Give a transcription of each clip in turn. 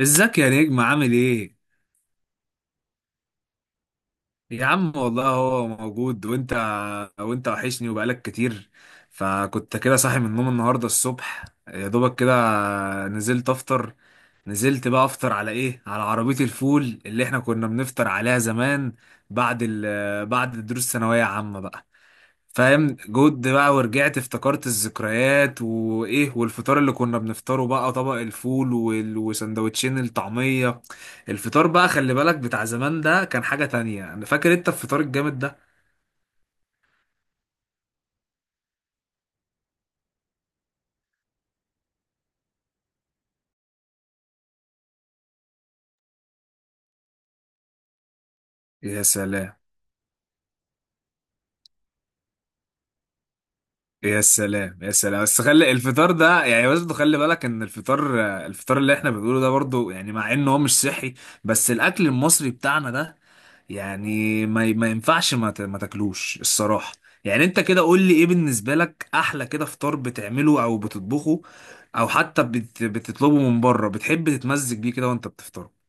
ازيك يا نجم؟ عامل ايه؟ يا عم والله هو موجود. وانت وانت وحشني وبقالك كتير. فكنت كده صاحي من النوم النهارده الصبح يا دوبك كده، نزلت افطر. نزلت بقى افطر على ايه؟ على عربية الفول اللي احنا كنا بنفطر عليها زمان بعد بعد دروس ثانوية عامة بقى، فاهم؟ جود بقى، ورجعت افتكرت الذكريات وايه، والفطار اللي كنا بنفطره بقى طبق الفول وسندوتشين الطعمية. الفطار بقى خلي بالك بتاع زمان ده كان حاجة تانية. انا فاكر انت الفطار الجامد ده. يا سلام. يا سلام يا سلام، بس خلي الفطار ده يعني برضه خلي بالك ان الفطار اللي احنا بنقوله ده برضه، يعني مع انه هو مش صحي، بس الاكل المصري بتاعنا ده، يعني ما ينفعش ما تاكلوش الصراحة. يعني انت كده قول لي ايه بالنسبة لك احلى كده فطار بتعمله او بتطبخه، او حتى بتطلبه من بره، بتحب تتمزج بيه كده وانت بتفطره؟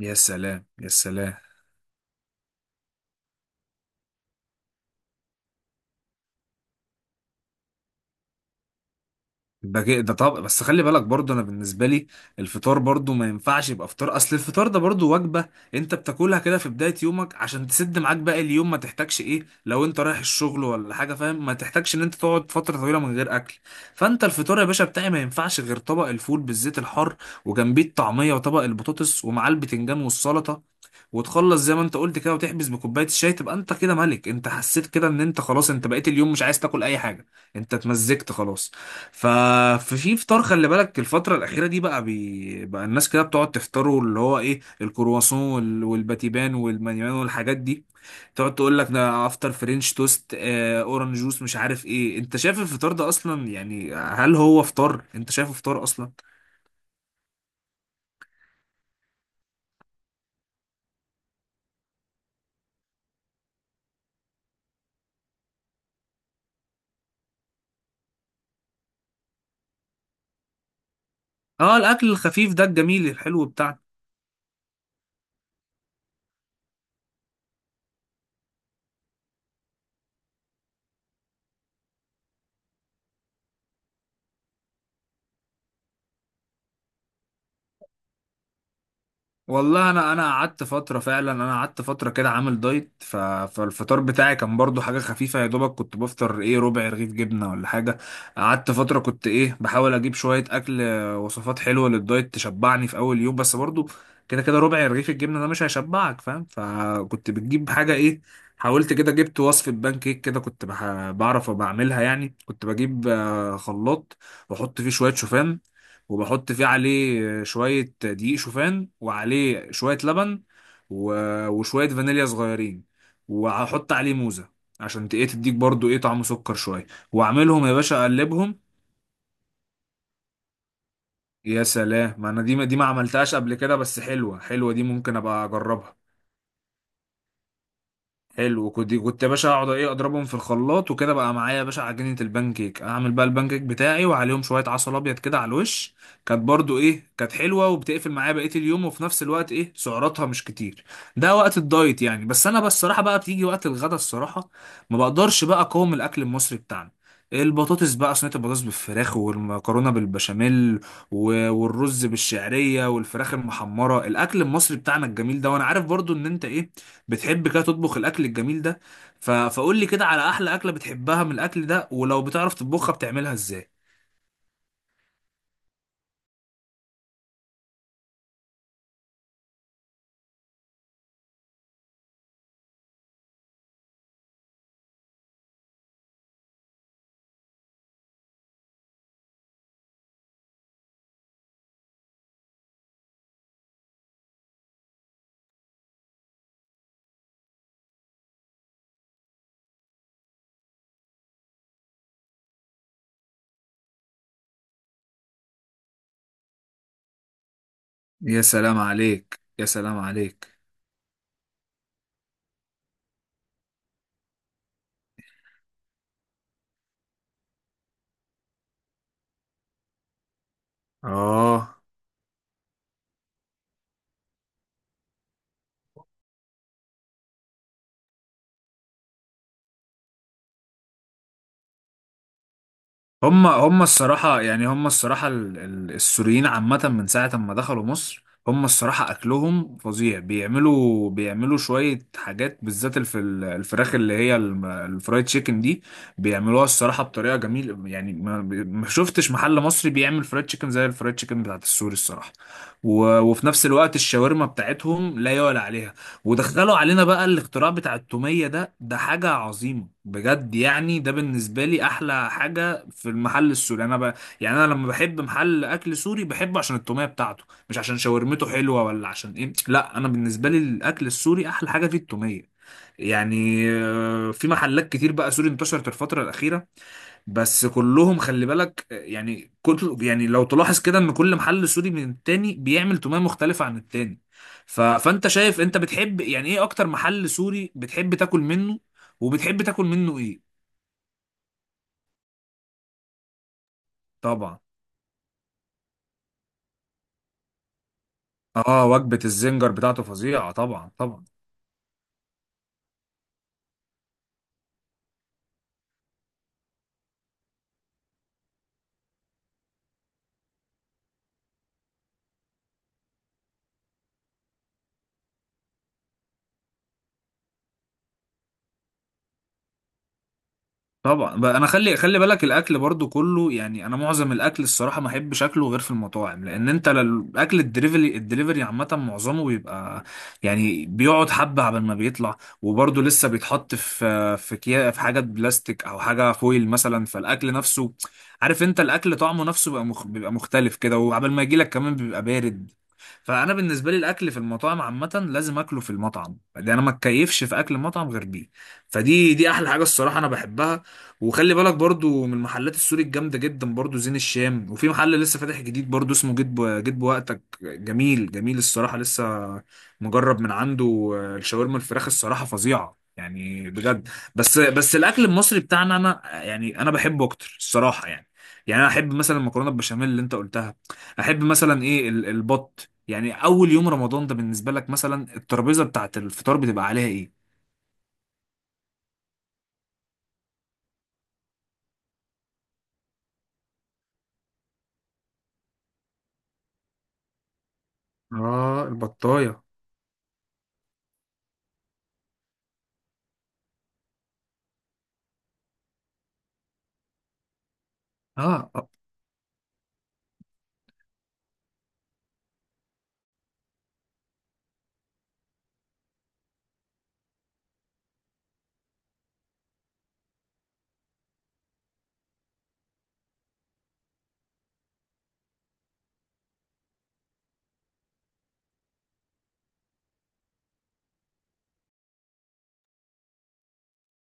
يا سلام يا سلام. ده طب بس خلي بالك برضو، انا بالنسبه لي الفطار برضو ما ينفعش يبقى فطار، اصل الفطار ده برضو وجبه انت بتاكلها كده في بدايه يومك عشان تسد معاك باقي اليوم، ما تحتاجش ايه لو انت رايح الشغل ولا حاجه، فاهم؟ ما تحتاجش ان انت تقعد فتره طويله من غير اكل. فانت الفطار يا باشا بتاعي ما ينفعش غير طبق الفول بالزيت الحار وجنبيه الطعميه وطبق البطاطس ومعاه البتنجان والسلطه، وتخلص زي ما انت قلت كده وتحبس بكوبايه الشاي، تبقى انت كده ملك. انت حسيت كده ان انت خلاص انت بقيت اليوم مش عايز تاكل اي حاجه، انت اتمزجت خلاص. ف- ففي فطار خلي بالك الفترة الأخيرة دي بقى بقى الناس كده بتقعد تفطروا اللي هو إيه، الكرواسون والباتيبان والمانيمان والحاجات دي. تقعد تقول لك ده أفطر فرنش توست، أورنج جوس، مش عارف إيه. أنت شايف الفطار ده أصلا يعني هل هو فطار؟ أنت شايفه فطار أصلا؟ أه، الأكل الخفيف ده الجميل الحلو بتاعنا. والله انا قعدت فتره فعلا، انا قعدت فتره كده عامل دايت، فالفطار بتاعي كان برضو حاجه خفيفه، يا دوبك كنت بفطر ايه، ربع رغيف جبنه ولا حاجه. قعدت فتره كنت ايه بحاول اجيب شويه اكل، وصفات حلوه للدايت تشبعني في اول يوم، بس برضو كده كده ربع رغيف الجبنه ده مش هيشبعك، فاهم؟ فكنت بتجيب حاجه ايه، حاولت كده جبت وصفه بان كيك كده، كنت بعرف بعملها يعني. كنت بجيب خلاط واحط فيه شويه شوفان، وبحط فيه عليه شوية دقيق شوفان وعليه شوية لبن، و... وشوية فانيليا صغيرين، وهحط عليه موزة عشان ايه تديك برضو ايه طعم سكر شوية. واعملهم يا باشا اقلبهم. يا سلام، ما انا دي ما عملتهاش قبل كده، بس حلوة، دي ممكن ابقى اجربها. حلو. كنت يا باشا اقعد ايه اضربهم في الخلاط وكده بقى معايا يا باشا عجينه البان كيك، اعمل بقى البان كيك بتاعي وعليهم شويه عسل ابيض كده على الوش. كانت برضو ايه، كانت حلوه وبتقفل معايا بقيه اليوم، وفي نفس الوقت ايه سعراتها مش كتير. ده وقت الدايت يعني، بس انا بس الصراحه بقى بتيجي وقت الغدا الصراحه ما بقدرش بقى اقاوم الاكل المصري بتاعنا. البطاطس بقى، صينيه البطاطس بالفراخ والمكرونه بالبشاميل والرز بالشعريه والفراخ المحمره، الاكل المصري بتاعنا الجميل ده. وانا عارف برضو ان انت ايه بتحب كده تطبخ الاكل الجميل ده، فقول لي كده على احلى اكله بتحبها من الاكل ده، ولو بتعرف تطبخها بتعملها ازاي؟ يا سلام عليك، يا سلام عليك. اه. هم الصراحة، يعني هم الصراحة السوريين عامة من ساعة ما دخلوا مصر هم الصراحة أكلهم فظيع. بيعملوا شوية حاجات بالذات الفراخ اللي هي الفرايد تشيكن دي، بيعملوها الصراحة بطريقة جميلة. يعني ما شفتش محل مصري بيعمل فرايد تشيكن زي الفرايد تشيكن بتاعت السوري الصراحة. وفي نفس الوقت الشاورما بتاعتهم لا يعلى عليها. ودخلوا علينا بقى الاختراع بتاع التومية ده، ده حاجة عظيمة بجد. يعني ده بالنسبة لي أحلى حاجة في المحل السوري. يعني انا يعني انا لما بحب محل اكل سوري بحبه عشان التوميه بتاعته، مش عشان شاورمته حلوه ولا عشان ايه، لا انا بالنسبه لي الاكل السوري احلى حاجه فيه التوميه. يعني في محلات كتير بقى سوري انتشرت الفتره الاخيره، بس كلهم خلي بالك يعني كل يعني لو تلاحظ كده ان كل محل سوري من التاني بيعمل توميه مختلفه عن التاني. فانت شايف انت بتحب يعني ايه اكتر محل سوري بتحب تاكل منه، وبتحب تاكل منه ايه؟ طبعا. اه، وجبة الزنجر بتاعته فظيعة، طبعا طبعا. طبعا بقى انا خلي بالك الاكل برضو كله، يعني انا معظم الاكل الصراحه ما احبش اكله غير في المطاعم، لان انت الاكل الدليفري، الدليفري عامه معظمه بيبقى يعني بيقعد حبه على ما بيطلع، وبرضو لسه بيتحط في كيا في حاجه بلاستيك او حاجه فويل مثلا، فالاكل نفسه، عارف انت الاكل طعمه نفسه بيبقى مخ بيبقى مختلف كده، وعبال ما يجي لك كمان بيبقى بارد. فانا بالنسبه لي الاكل في المطاعم عامه لازم اكله في المطعم ده، انا ما اتكيفش في اكل المطعم غير بيه. فدي احلى حاجه الصراحه انا بحبها. وخلي بالك برضو من المحلات السوري الجامدة جدا برضو زين الشام، وفي محل لسه فاتح جديد برضو اسمه جيت بوقتك، جميل جميل الصراحة، لسه مجرب من عنده. آه، الشاورما الفراخ الصراحة فظيعة، يعني بجد. بس الأكل المصري بتاعنا أنا يعني أنا بحبه أكتر الصراحة يعني. يعني أنا أحب مثلا المكرونة البشاميل اللي أنت قلتها، أحب مثلا إيه البط. يعني أول يوم رمضان ده بالنسبة لك مثلا الترابيزة بتاعت الفطار بتبقى عليها إيه؟ اه، البطايه. اه.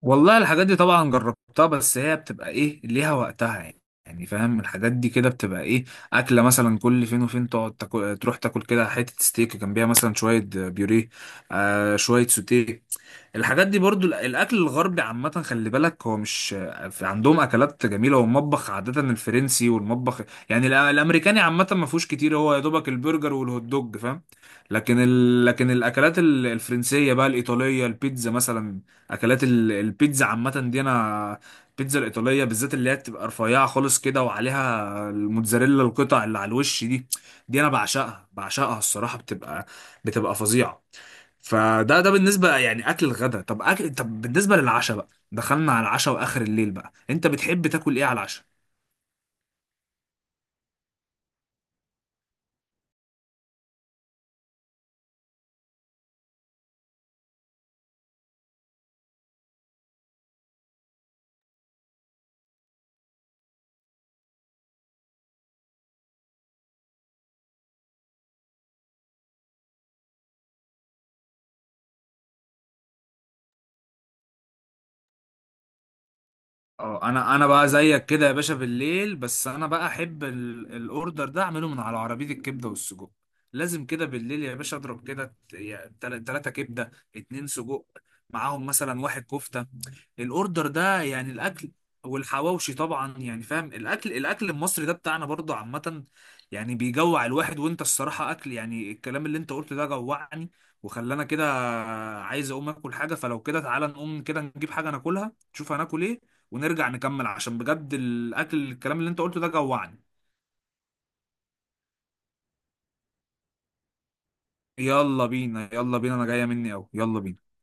والله الحاجات دي طبعا جربتها، بس هي بتبقى ايه ليها وقتها يعني. يعني فاهم الحاجات دي كده بتبقى ايه، اكله مثلا كل فين وفين تقعد تاكل، تروح تاكل كده حته ستيك جنبيها مثلا شويه بيوريه، آه شويه سوتيه. الحاجات دي برضو الاكل الغربي عامه خلي بالك هو مش عندهم اكلات جميله، والمطبخ عاده الفرنسي، والمطبخ يعني الامريكاني عامه ما فيهوش كتير، هو يا دوبك البرجر والهوت دوج، فاهم؟ لكن لكن الاكلات الفرنسيه بقى الايطاليه البيتزا مثلا، اكلات البيتزا عامه دي انا، البيتزا الايطاليه بالذات اللي هي بتبقى رفيعه خالص كده وعليها الموتزاريلا القطع اللي على الوش دي، دي انا بعشقها، بعشقها الصراحه، بتبقى فظيعه. فده بالنسبه يعني اكل الغدا. طب أكل، طب بالنسبه للعشاء بقى، دخلنا على العشاء واخر الليل بقى، انت بتحب تاكل ايه على العشاء؟ اه، انا بقى زيك كده يا باشا بالليل، بس انا بقى احب الاوردر ده اعمله من على عربيه الكبده والسجق. لازم كده بالليل يا باشا اضرب كده 3 كبده، 2 سجق، معاهم مثلا 1 كفته، الاوردر ده يعني الاكل. والحواوشي طبعا، يعني فاهم، الاكل المصري ده بتاعنا برضه عامه يعني بيجوع الواحد. وانت الصراحه اكل، يعني الكلام اللي انت قلته ده جوعني، وخلانا كده عايز اقوم اكل حاجه. فلو كده تعالى نقوم كده نجيب حاجه ناكلها، نشوف هناكل ايه، ونرجع نكمل، عشان بجد الاكل الكلام اللي انت قلته ده جوعني. يلا بينا يلا بينا، انا جايه مني اوي، يلا بينا.